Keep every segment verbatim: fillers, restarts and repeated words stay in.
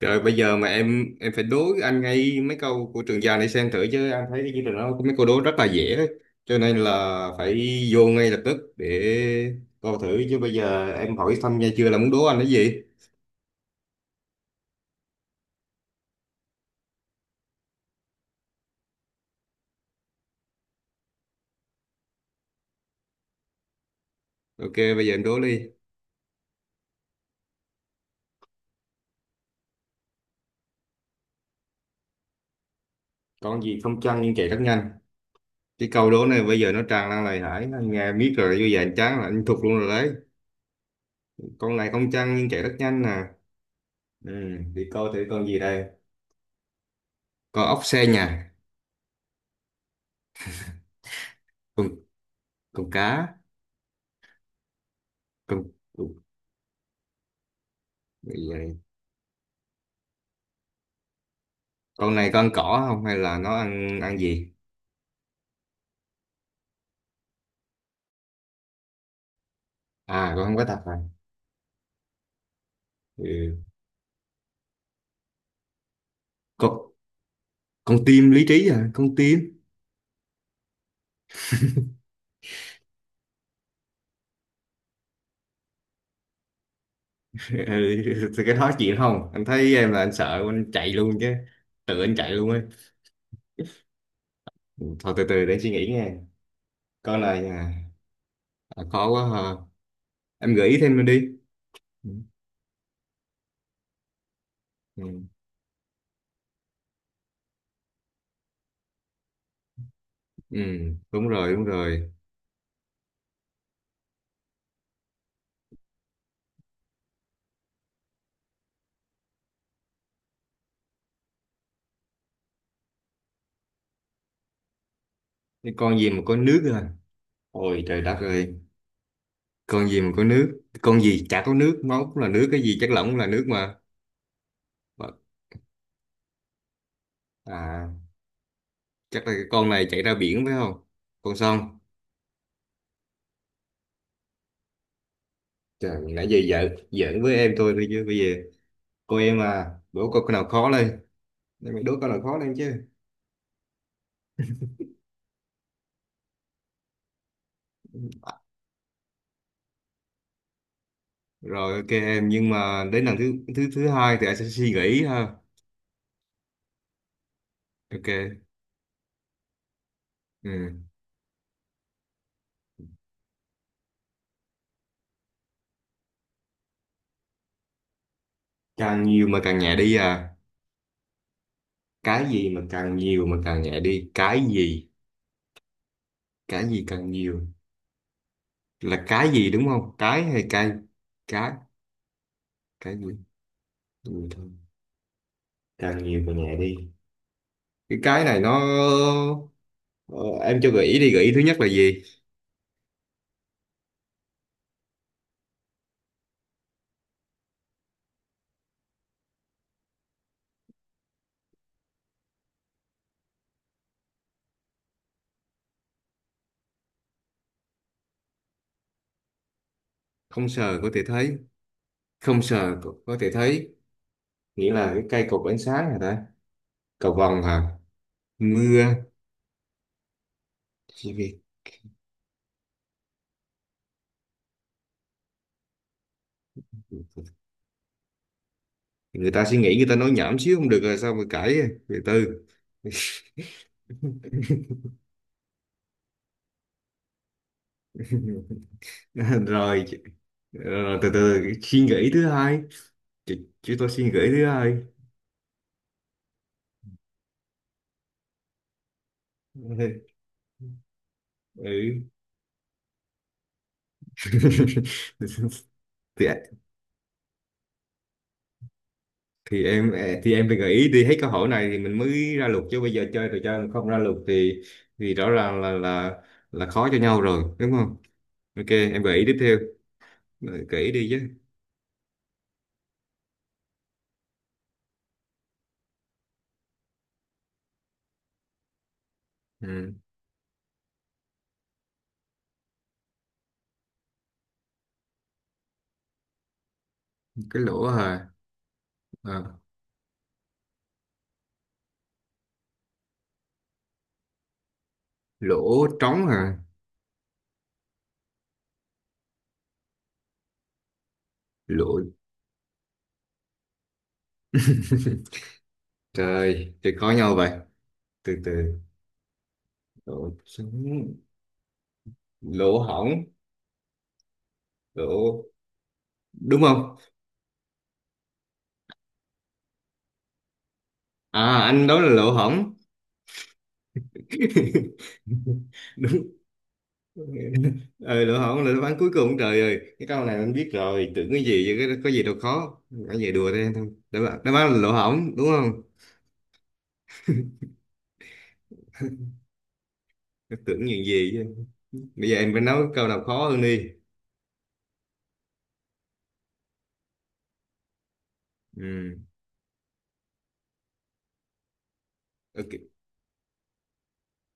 Trời bây giờ mà em em phải đố anh ngay mấy câu của Trường Giang này xem thử chứ anh thấy cái chương trình đó có mấy câu đố rất là dễ đấy. Cho nên là phải vô ngay lập tức để coi thử chứ bây giờ em hỏi thăm nha chưa là muốn đố anh cái gì. Ok, bây giờ em đố đi. Con gì không chăn nhưng chạy rất nhanh. Cái câu đố này bây giờ nó tràn lan lời hải anh nghe biết rồi, như vậy anh chán là anh thuộc luôn rồi đấy. Con này không chăn nhưng chạy rất nhanh nè. Ừ, thì coi thử con gì đây. Con ốc xe nhà, con con cá, con, con con này con cỏ không, hay là nó ăn ăn gì. À, con không có tập à. Ừ. con con tim lý trí, à con tim. Ừ. Thì cái đó chuyện không, anh thấy em là anh sợ anh chạy luôn chứ, tự anh chạy luôn ấy. Ừ, thôi từ từ để suy nghĩ nghe. Con này à, à, khó quá hả, em gợi ý thêm đi. Ừ. Ừ. Ừ, đúng rồi đúng rồi. Cái con gì mà có nước à? Ôi trời đất ơi, con gì mà có nước, con gì chả có nước, máu cũng là nước, cái gì chất lỏng cũng là nước mà. À, chắc là cái con này chạy ra biển phải không, con sông. Trời, nãy giờ giỡn giỡn với em thôi thôi, chứ bây giờ cô em à, đố câu nào khó lên. Để mày đố câu nào khó lên chứ. Rồi ok em, nhưng mà đến lần thứ thứ thứ hai thì anh sẽ suy nghĩ ha. Ok. Ừ. Càng nhiều mà càng nhẹ đi à? Cái gì mà càng nhiều mà càng nhẹ đi, cái gì? Cái gì càng nhiều là cái gì, đúng không, cái hay cây? Cái cái gì? Ừ, thôi. Càng nhiều càng nhẹ đi. Cái cái này nó. Ờ, em cho gợi ý đi, gợi ý thứ nhất là gì? Không sờ có thể thấy. Không sờ, có, có thể thấy. Nghĩa là cái cây cột ánh sáng hả ta, cầu vồng hả, mưa? Chỉ vì người ta suy nghĩ, người ta nói nhảm xíu không được rồi sao mà cãi, từ từ. rồi, chị- Rồi, từ từ suy nghĩ thứ hai. Chị- chúng tôi suy nghĩ thứ hai. Ừ. Từ, thì em à, thì em phải gợi ý đi hết câu hỏi này thì mình mới ra luật chứ, bây giờ chơi trò chơi mà không ra luật thì thì rõ ràng là là là khó cho nhau rồi đúng không. Ok em gợi ý tiếp theo. Ờ, gợi ý đi chứ. Ừ. Cái lỗ hả? À, lỗ trống hả? Lỗ. Trời, thì khó nhau vậy, từ từ. Lỗ trống, lỗ hổng, lỗ, đúng không? À anh đó là lỗ hổng. Đúng. Ừ, lỗ hổng là đáp án cuối cùng. Trời ơi, cái câu này anh biết rồi, tưởng cái gì chứ, cái có gì đâu khó. Anh về đùa đây thôi, đáp án đáp án là lỗ hổng đúng không. Cái tưởng những gì chứ. Bây giờ em phải nói câu nào khó hơn đi. Ừ. Ok.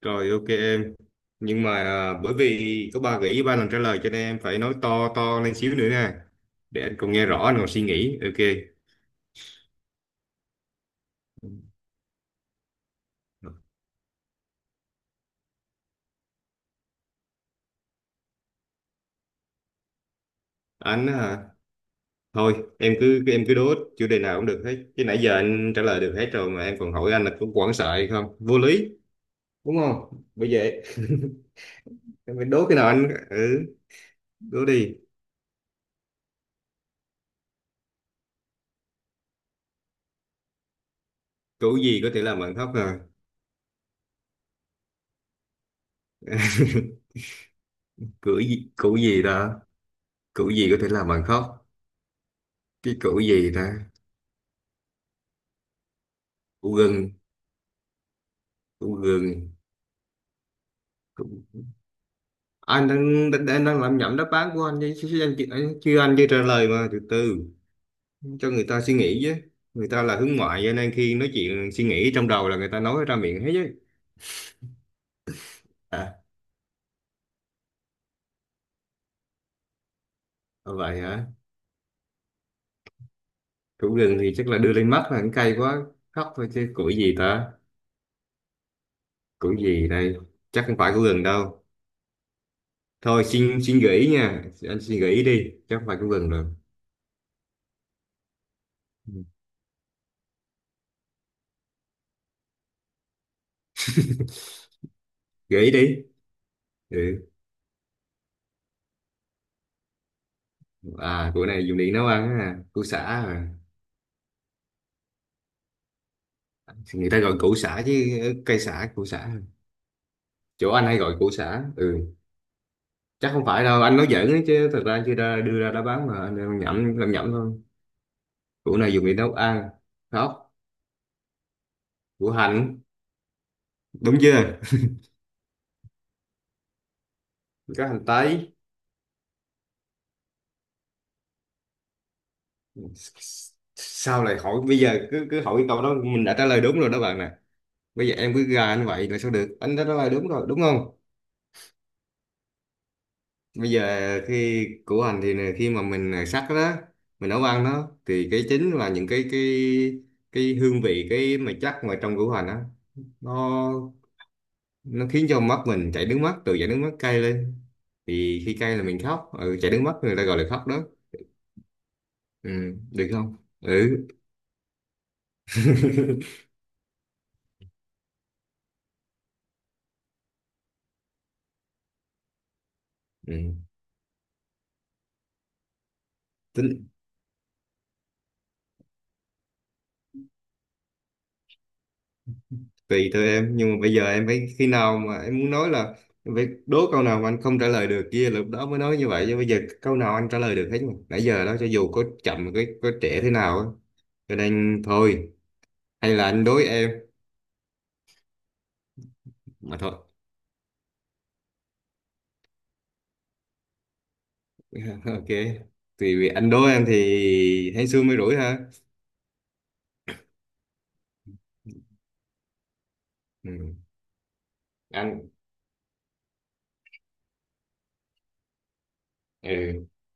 Rồi ok em, nhưng mà à, bởi vì có ba gợi ý ba lần trả lời cho nên em phải nói to to lên xíu nữa nha, để anh còn nghe rõ, anh còn suy nghĩ. Ok. Anh á hả? Thôi, em cứ em cứ đố chủ đề nào cũng được hết. Chứ nãy giờ anh trả lời được hết rồi mà em còn hỏi anh là có quảng sợ hay không? Vô lý, đúng không? Bởi vậy, em phải đố cái nào anh ừ, đố đi. Củ gì có thể làm bạn khóc à? Củ gì củ gì đó? Củ gì có thể làm bạn khóc? Cái củ gì đó? Củ gừng, củ gừng. Củ... Anh đang, đang đang đang làm nhẩm đáp án của anh chứ chứ- chứ anh, chị- anh chưa anh chưa trả lời mà, từ từ cho người ta suy nghĩ chứ. Người ta là hướng ngoại cho nên khi nói chuyện suy nghĩ trong đầu là người ta nói ra miệng hết chứ. À, à, vậy hả? Củ gừng thì chắc là đưa lên mắt là cũng cay quá. Khóc thôi chứ củi gì ta? Củi gì đây? Chắc không phải củ gừng đâu. Thôi xin xin gợi ý nha. Anh xin gợi ý đi. Chắc không phải củ gừng rồi. Ừ. Gợi ý đi. Ừ. À, củ này dùng để nấu ăn á. Củ sả à. Người ta gọi củ sả chứ, ờ, cây sả, củ sả. Chỗ anh hay gọi củ sả. Ừ. Chắc không phải đâu. Anh nói giỡn ấy chứ. Thật ra chưa ra đưa ra đã bán mà. Anh đang nhẩm làm nhẩm thôi. Củ này dùng để nấu ăn. Khóc. Củ hành. Đúng chưa? Có hành tây. Sao lại hỏi, bây giờ cứ cứ hỏi câu đó mình đã trả lời đúng rồi đó bạn nè. Bây giờ em cứ gà như vậy là sao được, anh đã trả lời đúng rồi đúng không. Bây giờ khi của anh thì nè, khi mà mình sắc đó, mình nấu ăn đó thì cái chính là những cái cái cái hương vị, cái mà chắc mà trong củ hành á, nó nó khiến cho mắt mình chảy nước mắt, từ chảy nước mắt cay lên thì khi cay là mình khóc, ừ, chảy nước mắt người ta gọi là khóc đó. Ừ, được không? Ừ, ừ. Tính tùy thôi em, nhưng mà bây giờ em phải khi nào mà em muốn nói là em phải đố câu nào mà anh không trả lời được kia, lúc đó mới nói như vậy chứ bây giờ câu nào anh trả lời được hết mà, nãy giờ đó cho dù có chậm, có, có trễ thế nào á, cho nên thôi hay là anh đối em mà thôi. Ok. Thì vì anh đối em thì hên xui mới rủi ha. Ừ. Anh. Ừ.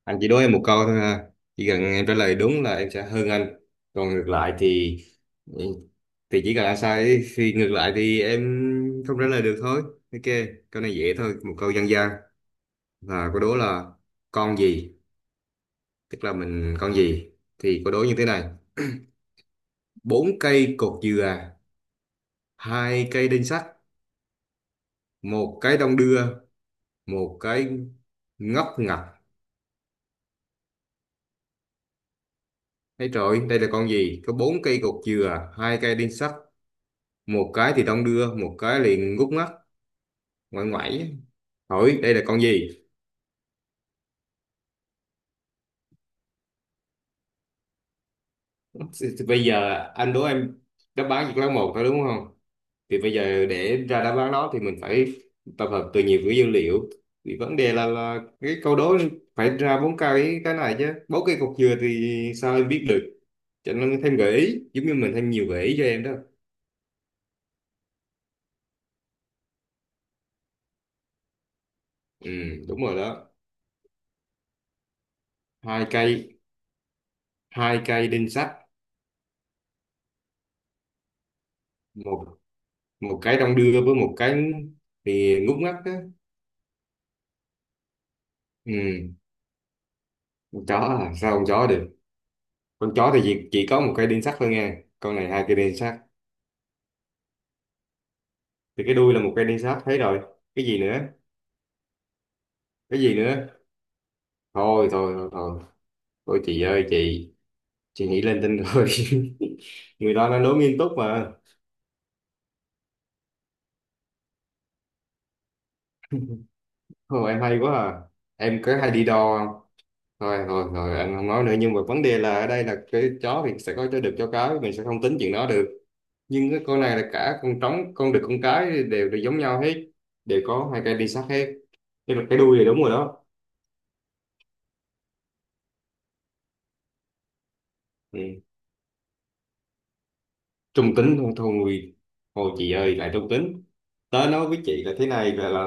Anh chỉ đố em một câu thôi ha. Chỉ cần em trả lời đúng là em sẽ hơn anh. Còn ngược lại thì ừ, thì chỉ cần anh sai thì ngược lại thì em không trả lời được thôi. Ok, câu này dễ thôi, một câu dân gian. Và câu đố là con gì, tức là mình con gì. Thì câu đố như thế này. Bốn cây cột dừa, hai cây đinh sắt, một cái đong đưa, một cái ngóc ngặt. Thấy rồi, đây là con gì? Có bốn cây cột dừa, hai cây đinh sắt, một cái thì đong đưa, một cái liền ngút ngắt, ngoải ngoải, hỏi đây là con gì? Bây giờ anh đố em, đáp án chỉ có lấy một thôi đúng không, thì bây giờ để ra đáp án đó thì mình phải tập hợp từ nhiều cái dữ liệu, thì vấn đề là, là cái câu đố phải ra bốn cái cái này chứ, bốn cái cục dừa thì sao em biết được, cho nên thêm gợi ý giống như mình thêm nhiều gợi ý cho em đó. Ừ, đúng rồi đó. Hai cây, hai cây đinh sắt. Một, một cái đong đưa với một cái thì ngút ngắt á. Ừ, con chó à sao con chó được, con chó thì chỉ, chỉ có một cây đinh sắt thôi nha, con này hai cây đinh sắt. Thì cái đuôi là một cây đinh sắt thấy rồi, cái gì nữa? Cái gì nữa? Thôi thôi thôi thôi, thôi chị ơi chị chị nghĩ lên tinh rồi. Người ta đang đố nghiêm túc mà. Thôi em hay quá à, em có hay đi đo không. Thôi thôi thôi, em không nói nữa, nhưng mà vấn đề là ở đây là cái chó thì sẽ có chó được chó cái, mình sẽ không tính chuyện đó được, nhưng cái con này là cả con trống con đực con cái đều đều giống nhau hết, đều có hai cây đi sát hết, tức là cái đuôi này đúng rồi đó. Ừ. Trung tính, thôi thôi thôi chị ơi lại trung tính. Tớ nói với chị là thế này là là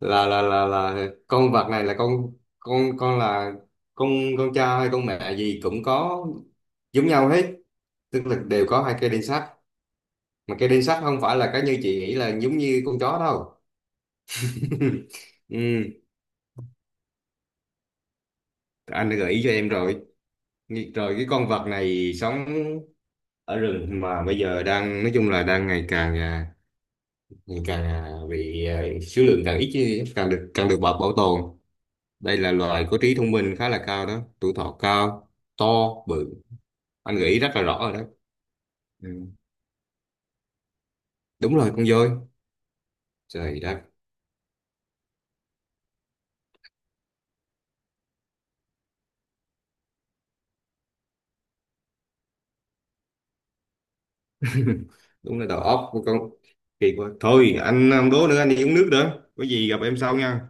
là là là, là con vật này là con con con là con con cha hay con mẹ gì cũng có, giống nhau hết, tức là đều có hai cây đinh sắt, mà cây đinh sắt không phải là cái như chị nghĩ là giống như con chó đâu. Ừ. Anh đã gợi ý cho em rồi. Nghi- rồi cái con vật này sống ở rừng, mà bây giờ đang nói chung là đang ngày càng à, ngày càng à, bị à, số lượng càng ít chứ, càng được càng được bảo bảo tồn. Đây là loài có trí thông minh khá là cao đó, tuổi thọ cao, to, bự, anh nghĩ rất là rõ rồi đó. Ừ. Đúng rồi, con voi. Trời đất. Đúng là đầu óc của con kỳ quá, thôi anh không đố nữa, anh đi uống nước nữa, có gì gặp em sau nha.